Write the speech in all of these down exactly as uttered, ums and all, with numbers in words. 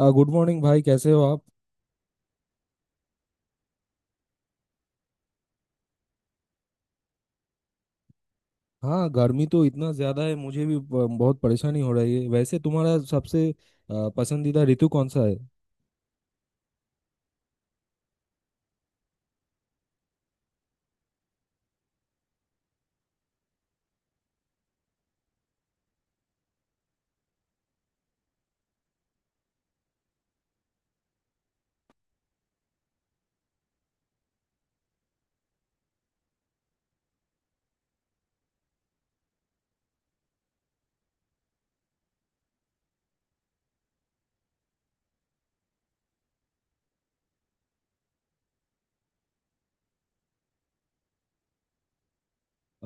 आ, good morning भाई, कैसे हो आप। हाँ, गर्मी तो इतना ज़्यादा है, मुझे भी ब- बहुत परेशानी हो रही है। वैसे तुम्हारा सबसे आ, पसंदीदा ऋतु कौन सा है।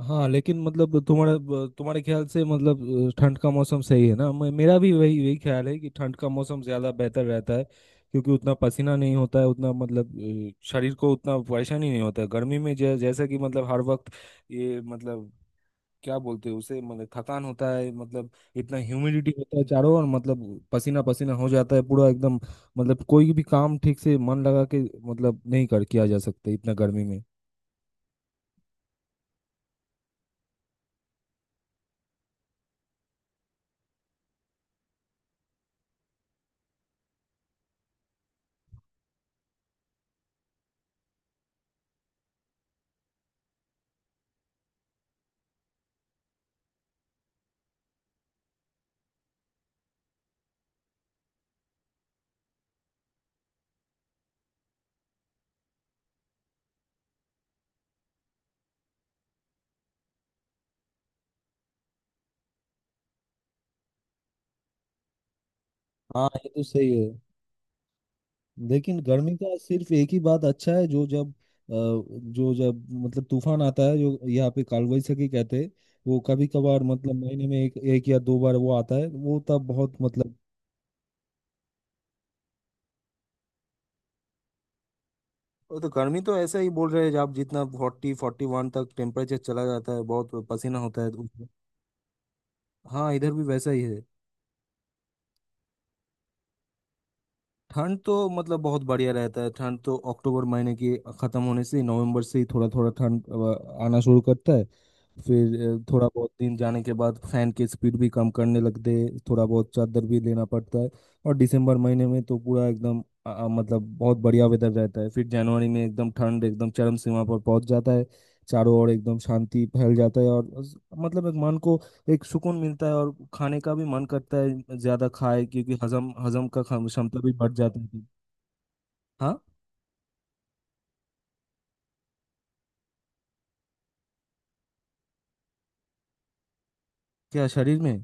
हाँ, लेकिन मतलब तुम्हारा ब- तुम्हारे ख्याल से मतलब अ, ठंड का मौसम सही है ना। मे- मेरा भी वही वही ख्याल है कि ठंड का मौसम ज़्यादा बेहतर रहता है, क्योंकि उतना पसीना नहीं होता है, उतना मतलब अ, शरीर को उतना परेशानी नहीं होता है गर्मी में। जै, जैसा कि मतलब हर वक्त ये मतलब क्या बोलते हैं उसे, मतलब थकान होता है मतलब। इतना ह्यूमिडिटी होता है चारों ओर मतलब पसीना पसीना हो जाता है पूरा एकदम। मतलब कोई भी काम ठीक से मन लगा के मतलब नहीं कर किया जा सकता इतना गर्मी में। हाँ, ये तो सही है। लेकिन गर्मी का सिर्फ एक ही बात अच्छा है, जो जब अ, जो जब मतलब तूफान आता है, जो यहाँ पे कालवैसाखी कहते हैं। वो कभी कभार मतलब महीने में एक एक या दो बार वो आता है, वो तब बहुत मतलब। वो तो गर्मी तो ऐसा ही बोल रहे हैं, जब जितना फोर्टी फोर्टी वन तक टेम्परेचर चला जाता है, बहुत पसीना होता है तो उसमें। हाँ, इधर भी वैसा ही है। ठंड तो मतलब बहुत बढ़िया रहता है, ठंड तो अक्टूबर महीने के ख़त्म होने से नवंबर से ही थोड़ा थोड़ा ठंड अ, आना शुरू करता है। फिर अ, थोड़ा बहुत दिन जाने के बाद फैन की स्पीड भी कम करने लगते हैं, थोड़ा बहुत चादर भी लेना पड़ता है। और दिसंबर महीने में तो पूरा एकदम अ, अ, मतलब बहुत बढ़िया वेदर रहता है। फिर जनवरी में एकदम ठंड एकदम चरम सीमा पर पहुंच जाता है। चारों ओर एकदम शांति फैल जाता है, और उस- मतलब एक मन को एक सुकून मिलता है। और खाने का भी मन करता है, ज्यादा खाए, क्योंकि हजम हजम का खम- क्षमता भी बढ़ जाती है। हाँ। क्या शरीर में।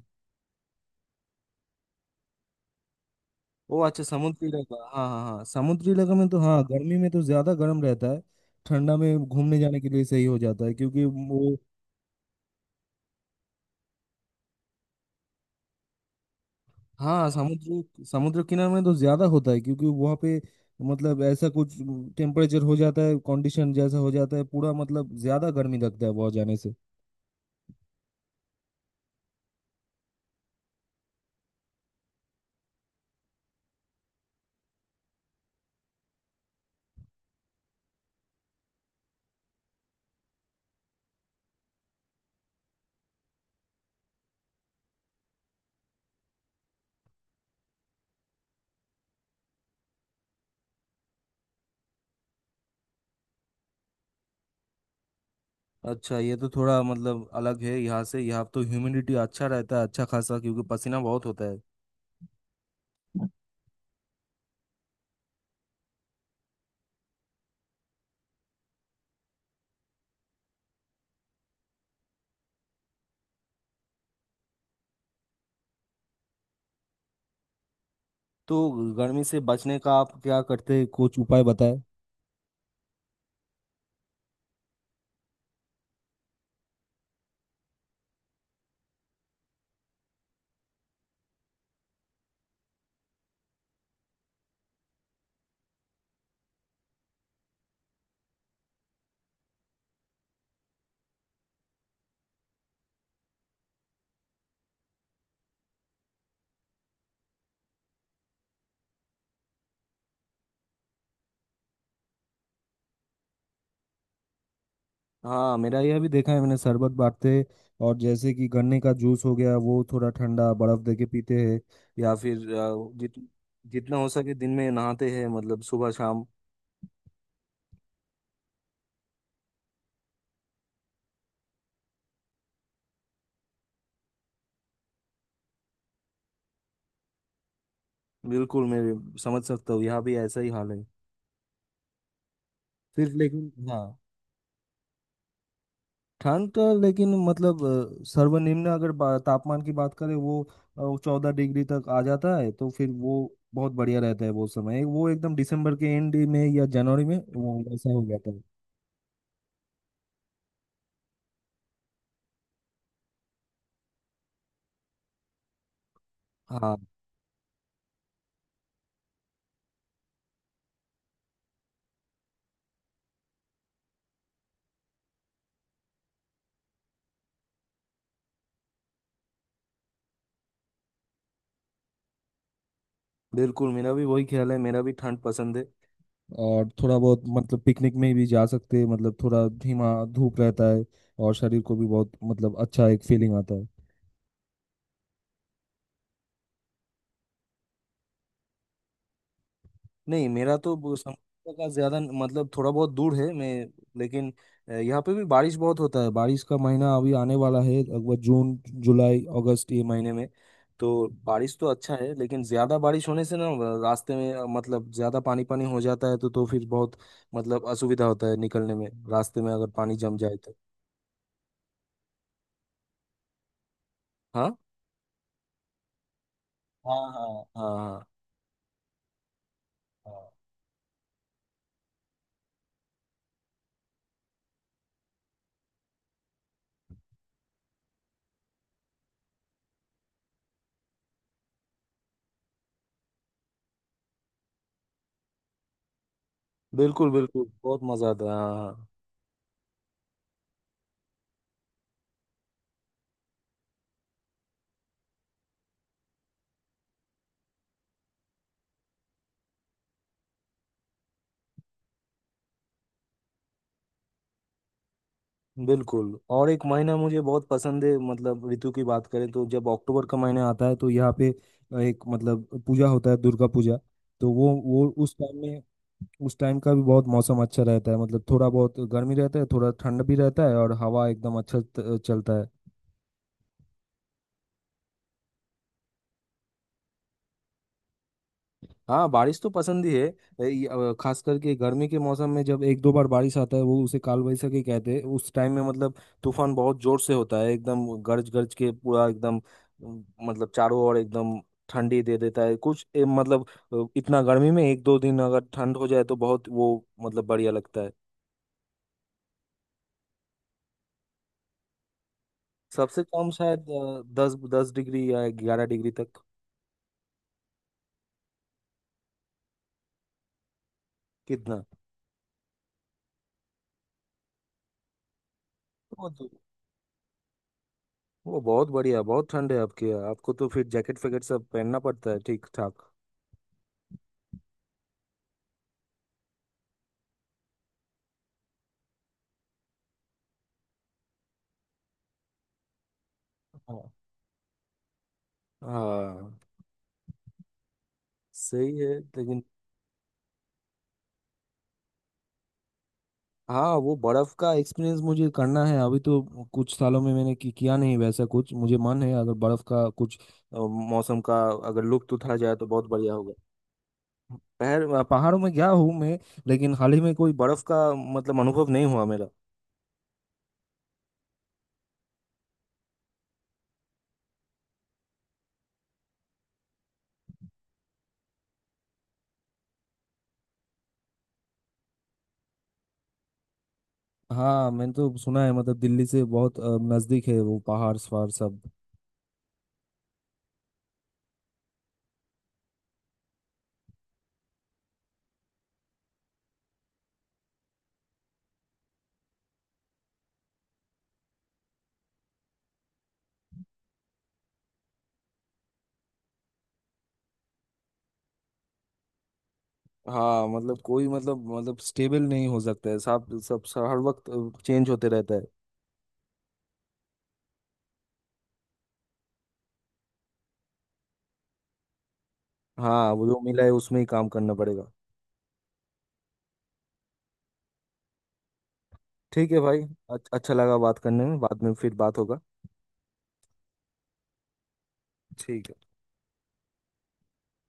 ओ अच्छा, समुद्री इलाका, हाँ हाँ हाँ। समुद्री इलाका में तो हाँ, गर्मी में तो ज्यादा गर्म रहता है। ठंडा में घूमने जाने के लिए सही हो जाता है, क्योंकि वो हाँ समुद्र समुद्र किनारे में तो ज्यादा होता है, क्योंकि वहाँ पे मतलब ऐसा कुछ टेम्परेचर हो जाता है, कंडीशन जैसा हो जाता है पूरा, मतलब ज्यादा गर्मी लगता है वहाँ जाने से। अच्छा, ये तो थोड़ा मतलब अलग है यहाँ से। यहाँ तो ह्यूमिडिटी अच्छा रहता है, अच्छा खासा, क्योंकि पसीना बहुत होता है तो। गर्मी से बचने का आप क्या करते हैं, कुछ उपाय बताएं। हाँ, मेरा यह भी देखा है मैंने, शरबत बांटते हैं, और जैसे कि गन्ने का जूस हो गया, वो थोड़ा ठंडा बर्फ दे के पीते हैं, या फिर अ, जित जितना हो सके दिन में नहाते हैं, मतलब सुबह शाम। बिल्कुल, मैं समझ सकता हूँ, यहाँ भी ऐसा ही हाल है। फिर लेकिन हाँ, ठंड का लेकिन मतलब अ, सर्वनिम्न अगर बा- तापमान की बात करें, वो चौदह डिग्री तक आ जाता है। तो फिर वो बहुत बढ़िया रहता है वो समय, वो एकदम दिसंबर के एंड में या जनवरी में वो वैसा हो जाता है। हाँ, बिल्कुल मेरा भी वही ख्याल है, मेरा भी ठंड पसंद है। और थोड़ा बहुत मतलब पिकनिक में भी जा सकते हैं, मतलब थोड़ा धीमा धूप रहता है, और शरीर को भी बहुत मतलब अच्छा एक फीलिंग आता है। नहीं, मेरा तो वो समुद्र का ज्यादा न- मतलब थोड़ा बहुत दूर है मैं, लेकिन अ, यहाँ पे भी बारिश बहुत होता है। बारिश का महीना अभी आने वाला है, लगभग जून जुलाई अगस्त ये महीने में। तो बारिश तो अच्छा है, लेकिन ज्यादा बारिश होने से ना अ, रास्ते में अ, मतलब ज्यादा पानी पानी हो जाता है, तो तो फिर बहुत मतलब असुविधा होता है निकलने में, रास्ते में अगर पानी जम जाए तो। हाँ हाँ हाँ हाँ। हाँ हाँ। बिल्कुल बिल्कुल, बहुत मजा आता है, हाँ हाँ। बिल्कुल। और एक महीना मुझे बहुत पसंद है, मतलब ऋतु की बात करें तो, जब अक्टूबर का महीना आता है, तो यहाँ पे एक मतलब पूजा होता है, दुर्गा पूजा। तो वो वो उस टाइम में उस टाइम का भी बहुत मौसम अच्छा रहता है, मतलब थोड़ा बहुत गर्मी रहता है, थोड़ा ठंड भी रहता है, और हवा एकदम अच्छा त- चलता है। हाँ, बारिश तो पसंद ही है। ए, ये, अ, खास करके गर्मी के मौसम में जब एक दो बार बारिश आता है, वो उसे काल वैसाखी कहते हैं। उस टाइम में मतलब तूफान बहुत जोर से होता है, एकदम गरज गरज के पूरा एकदम अम, मतलब चारों ओर एकदम ठंडी दे देता है कुछ ए, मतलब अ, इतना गर्मी में एक दो दिन अगर ठंड हो जाए तो बहुत वो मतलब बढ़िया लगता है। सबसे कम शायद अ, दस दस डिग्री या ग्यारह डिग्री तक। कितना। वो तो वो बहुत बढ़िया, बहुत ठंड है आपके यहाँ, आपको तो फिर जैकेट फैकेट सब पहनना पड़ता है। ठीक ठाक। हाँ, सही है लेकिन। हाँ, वो बर्फ का एक्सपीरियंस मुझे करना है अभी तो। कुछ सालों में मैंने कि, किया नहीं वैसा कुछ, मुझे मन है अगर बर्फ का कुछ अ, मौसम का अगर लुत्फ उठा जाए तो बहुत बढ़िया होगा। पहर पहाड़ों में गया हूँ मैं, लेकिन हाल ही में कोई बर्फ का मतलब अनुभव नहीं हुआ मेरा। हाँ, मैंने तो सुना है मतलब दिल्ली से बहुत अ, नजदीक है वो पहाड़ सवार सब। हाँ, मतलब कोई मतलब मतलब स्टेबल नहीं हो सकता है, सब सब सब- हर वक्त चेंज होते रहता है। हाँ, वो जो मिला है उसमें ही काम करना पड़ेगा। ठीक है भाई, अच- अच्छा लगा बात करने में, बाद में फिर बात होगा। ठीक है।